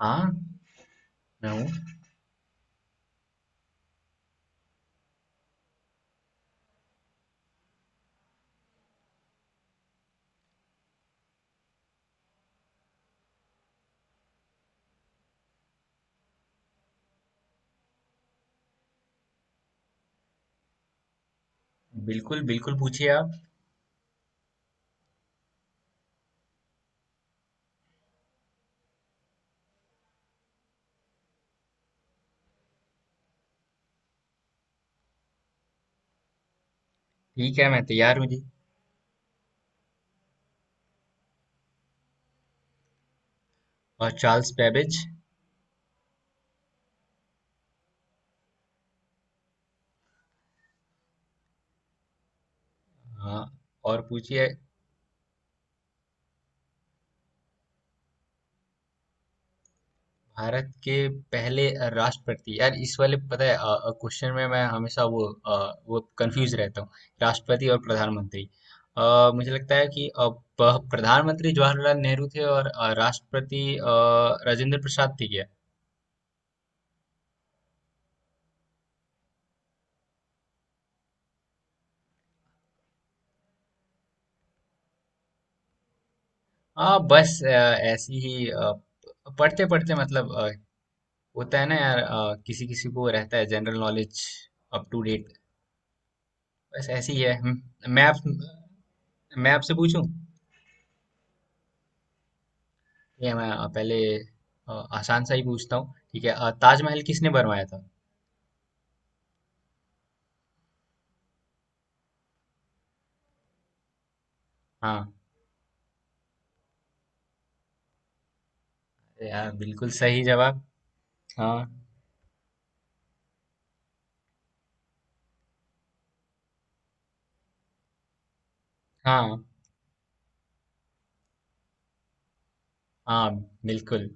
हाँ। मैं हूँ। बिल्कुल बिल्कुल, पूछिए आप। ठीक है, मैं तैयार हूँ जी। और चार्ल्स बैबेज। हाँ, और पूछिए। भारत के पहले राष्ट्रपति, यार इस वाले पता है क्वेश्चन में मैं हमेशा वो वो कंफ्यूज रहता हूँ। राष्ट्रपति और प्रधानमंत्री। मुझे लगता है कि प्रधानमंत्री जवाहरलाल नेहरू थे, और राष्ट्रपति राजेंद्र प्रसाद थे क्या? हाँ बस, ऐसी ही पढ़ते पढ़ते, मतलब होता है ना यार, किसी किसी को रहता है general knowledge up to date, बस ऐसे ही है मैं आप मैं आपसे पूछूं ठीक है? मैं पहले अ, आसान सा ही पूछता हूँ, ठीक है? ताजमहल किसने बनवाया था? हाँ, अरे यार बिल्कुल सही जवाब। हाँ, हाँ, हाँ। बिल्कुल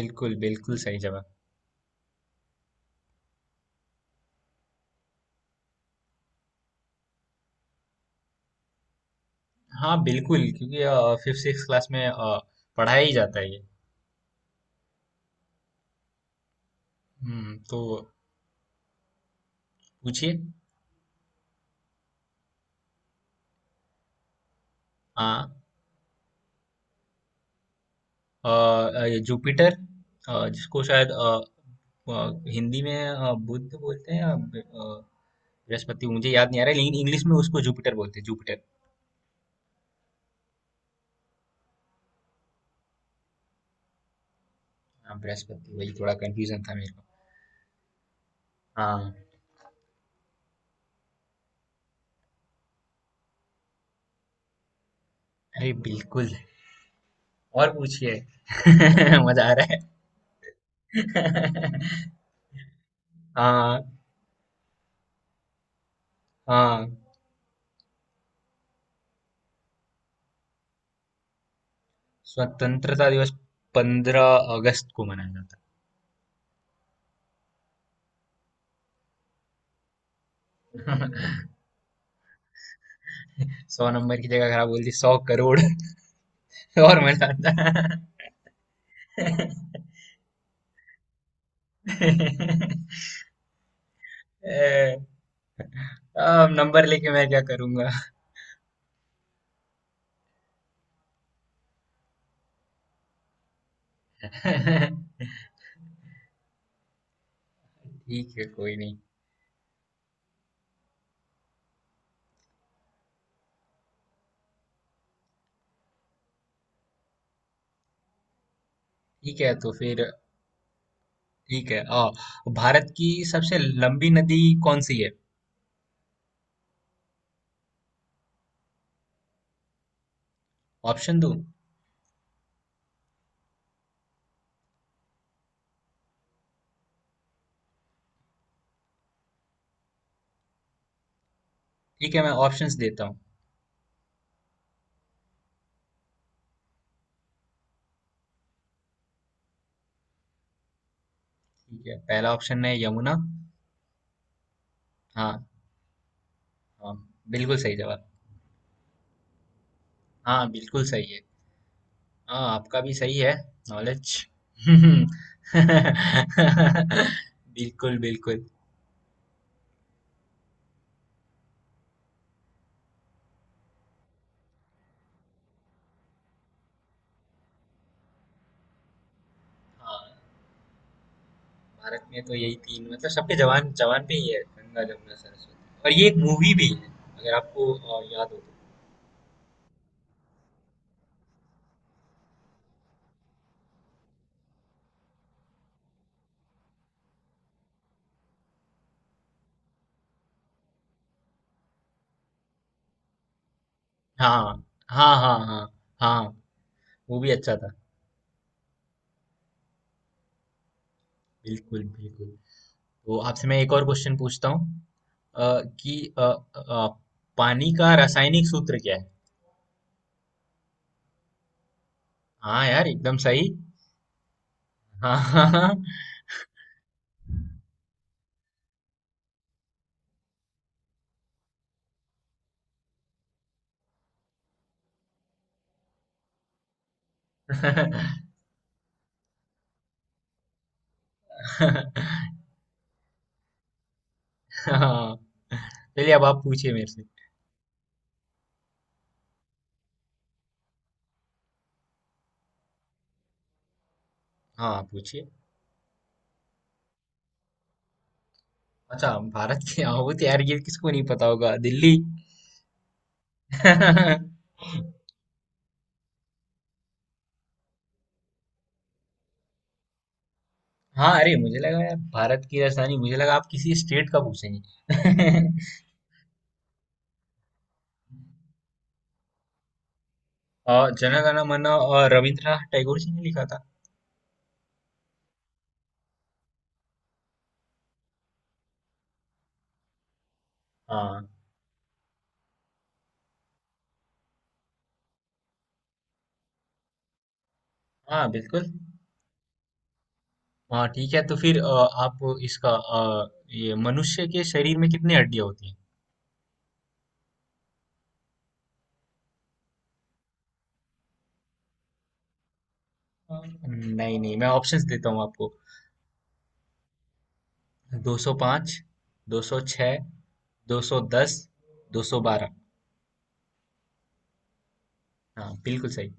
बिल्कुल, बिल्कुल सही जवाब। हाँ बिल्कुल, क्योंकि फिफ्थ सिक्स क्लास में पढ़ाया ही जाता है ये। हम्म, तो। पूछिए। हाँ, अ ये जुपिटर, जिसको शायद अ, हिंदी में बुध बोलते हैं या बृहस्पति, मुझे याद नहीं आ रहा है, लेकिन इंग्लिश में उसको जुपिटर बोलते हैं, जुपिटर। हाँ बृहस्पति, वही थोड़ा कंफ्यूजन था मेरे को। हाँ, अरे बिल्कुल, और पूछिए। मजा आ रहा है। हाँ, हाँ। स्वतंत्रता दिवस 15 अगस्त को मनाया जाता है। 100 नंबर की जगह खराब बोल दी, 100 करोड़। और मजा आता। अब नंबर लेके मैं क्या करूंगा। ठीक है, कोई नहीं। ठीक है तो फिर। ठीक है, भारत की सबसे लंबी नदी कौन सी है? ऑप्शन दूं? ठीक है, मैं ऑप्शंस देता हूँ। ठीक है, पहला ऑप्शन है यमुना। हाँ। हाँ, बिल्कुल सही जवाब। हाँ, बिल्कुल सही है। हाँ, आपका भी सही है। नॉलेज। बिल्कुल बिल्कुल। हाँ, भारत में तो यही तीन, मतलब सबके जवान जवान पे ही है गंगा जमुना सरस्वती, और ये एक मूवी भी है। अगर आपको याद हो तो। हाँ, हाँ, हाँ। हाँ, हाँ। वो भी अच्छा था। बिल्कुल बिल्कुल। तो आपसे मैं एक और क्वेश्चन पूछता हूँ, कि अ, पानी का रासायनिक सूत्र क्या है? हाँ यार, एकदम सही। हाँ। हाँ। चलिए, अब आप पूछिए मेरे से। हाँ, आप पूछिए। अच्छा, भारत की आहूत यार, ये किसको नहीं पता होगा? दिल्ली। हाँ, अरे मुझे लगा यार भारत की राजधानी, मुझे लगा आप किसी स्टेट का पूछेंगे। और जन गण मन, और रविंद्रनाथ टैगोर जी ने लिखा था। हाँ। हाँ बिल्कुल। हाँ ठीक है, तो फिर आप इसका अ, ये मनुष्य के शरीर में कितनी हड्डियां होती हैं? नहीं नहीं, मैं ऑप्शंस देता हूँ आपको। 205, 206, 210, 212। हाँ, बिल्कुल सही।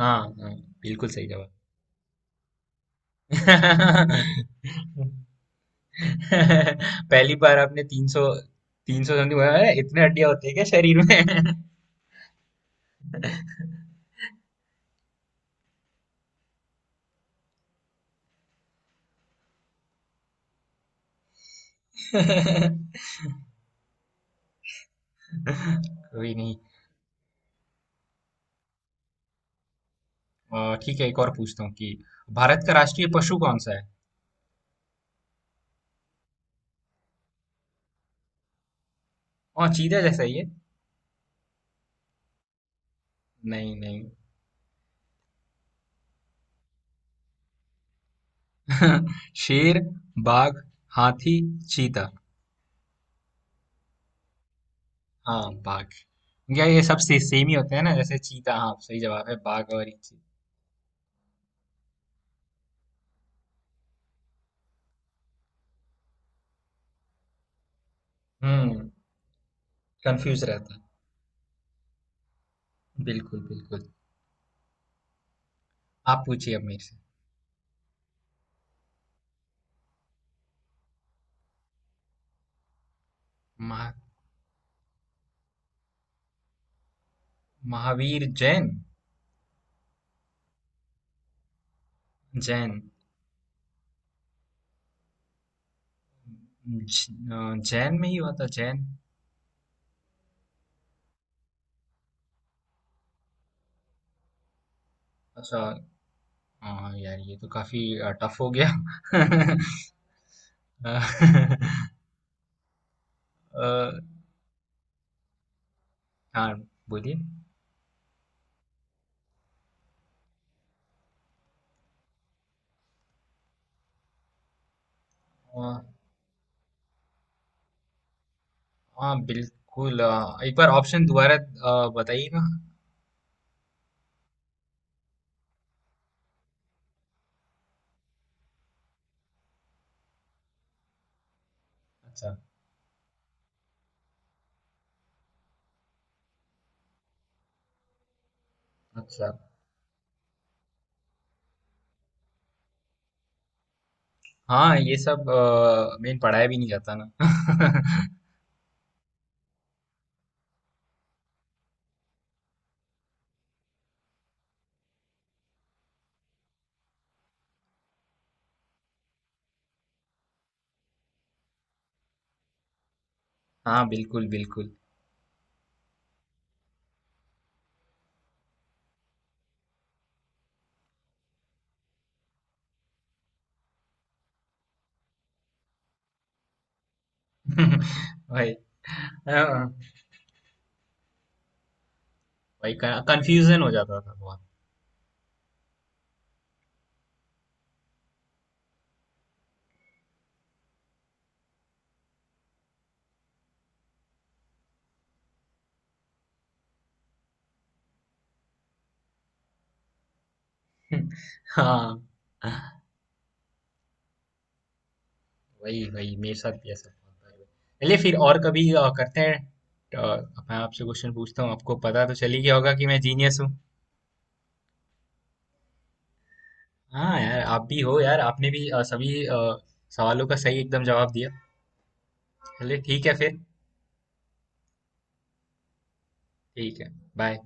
हाँ, हाँ, बिल्कुल सही जवाब। पहली बार आपने 300, 300 समथिंग बोला। अरे, इतने हड्डियां होती है क्या शरीर में? कोई नहीं। ठीक है, एक और पूछता हूँ कि भारत का राष्ट्रीय पशु कौन सा है? और चीता जैसा ही है। नहीं नहीं। शेर, बाघ, हाथी, चीता। हाँ बाघ। क्या ये सेम ही होते हैं ना, जैसे चीता। हाँ, सही जवाब है बाघ, और ये चीता। हम्म कंफ्यूज रहता है, बिल्कुल बिल्कुल। आप पूछिए अब मेरे से। महा, महावीर जैन। जैन। जैन में ही हुआ था, जैन। अच्छा। हाँ यार, ये तो काफी टफ हो गया। अ, हाँ, बोलिए। अ, हाँ बिल्कुल, एक बार ऑप्शन दोबारा बताइएगा। अच्छा। अच्छा। हाँ ये सब मेन पढ़ाई भी नहीं करता ना। हाँ बिल्कुल बिल्कुल। भाई। हाँ भाई, कंफ्यूजन हो जाता था बहुत। हाँ, वही वही मेरे साथ भी ऐसा बहुत बार हुआ। चलिए, फिर और कभी करते हैं। मैं आपसे क्वेश्चन पूछता हूँ, आपको पता तो चल ही गया होगा कि मैं जीनियस हूँ। हाँ यार, आप भी हो यार, आपने भी सभी सवालों का सही एकदम जवाब दिया। चलिए, ठीक है फिर। ठीक है, बाय।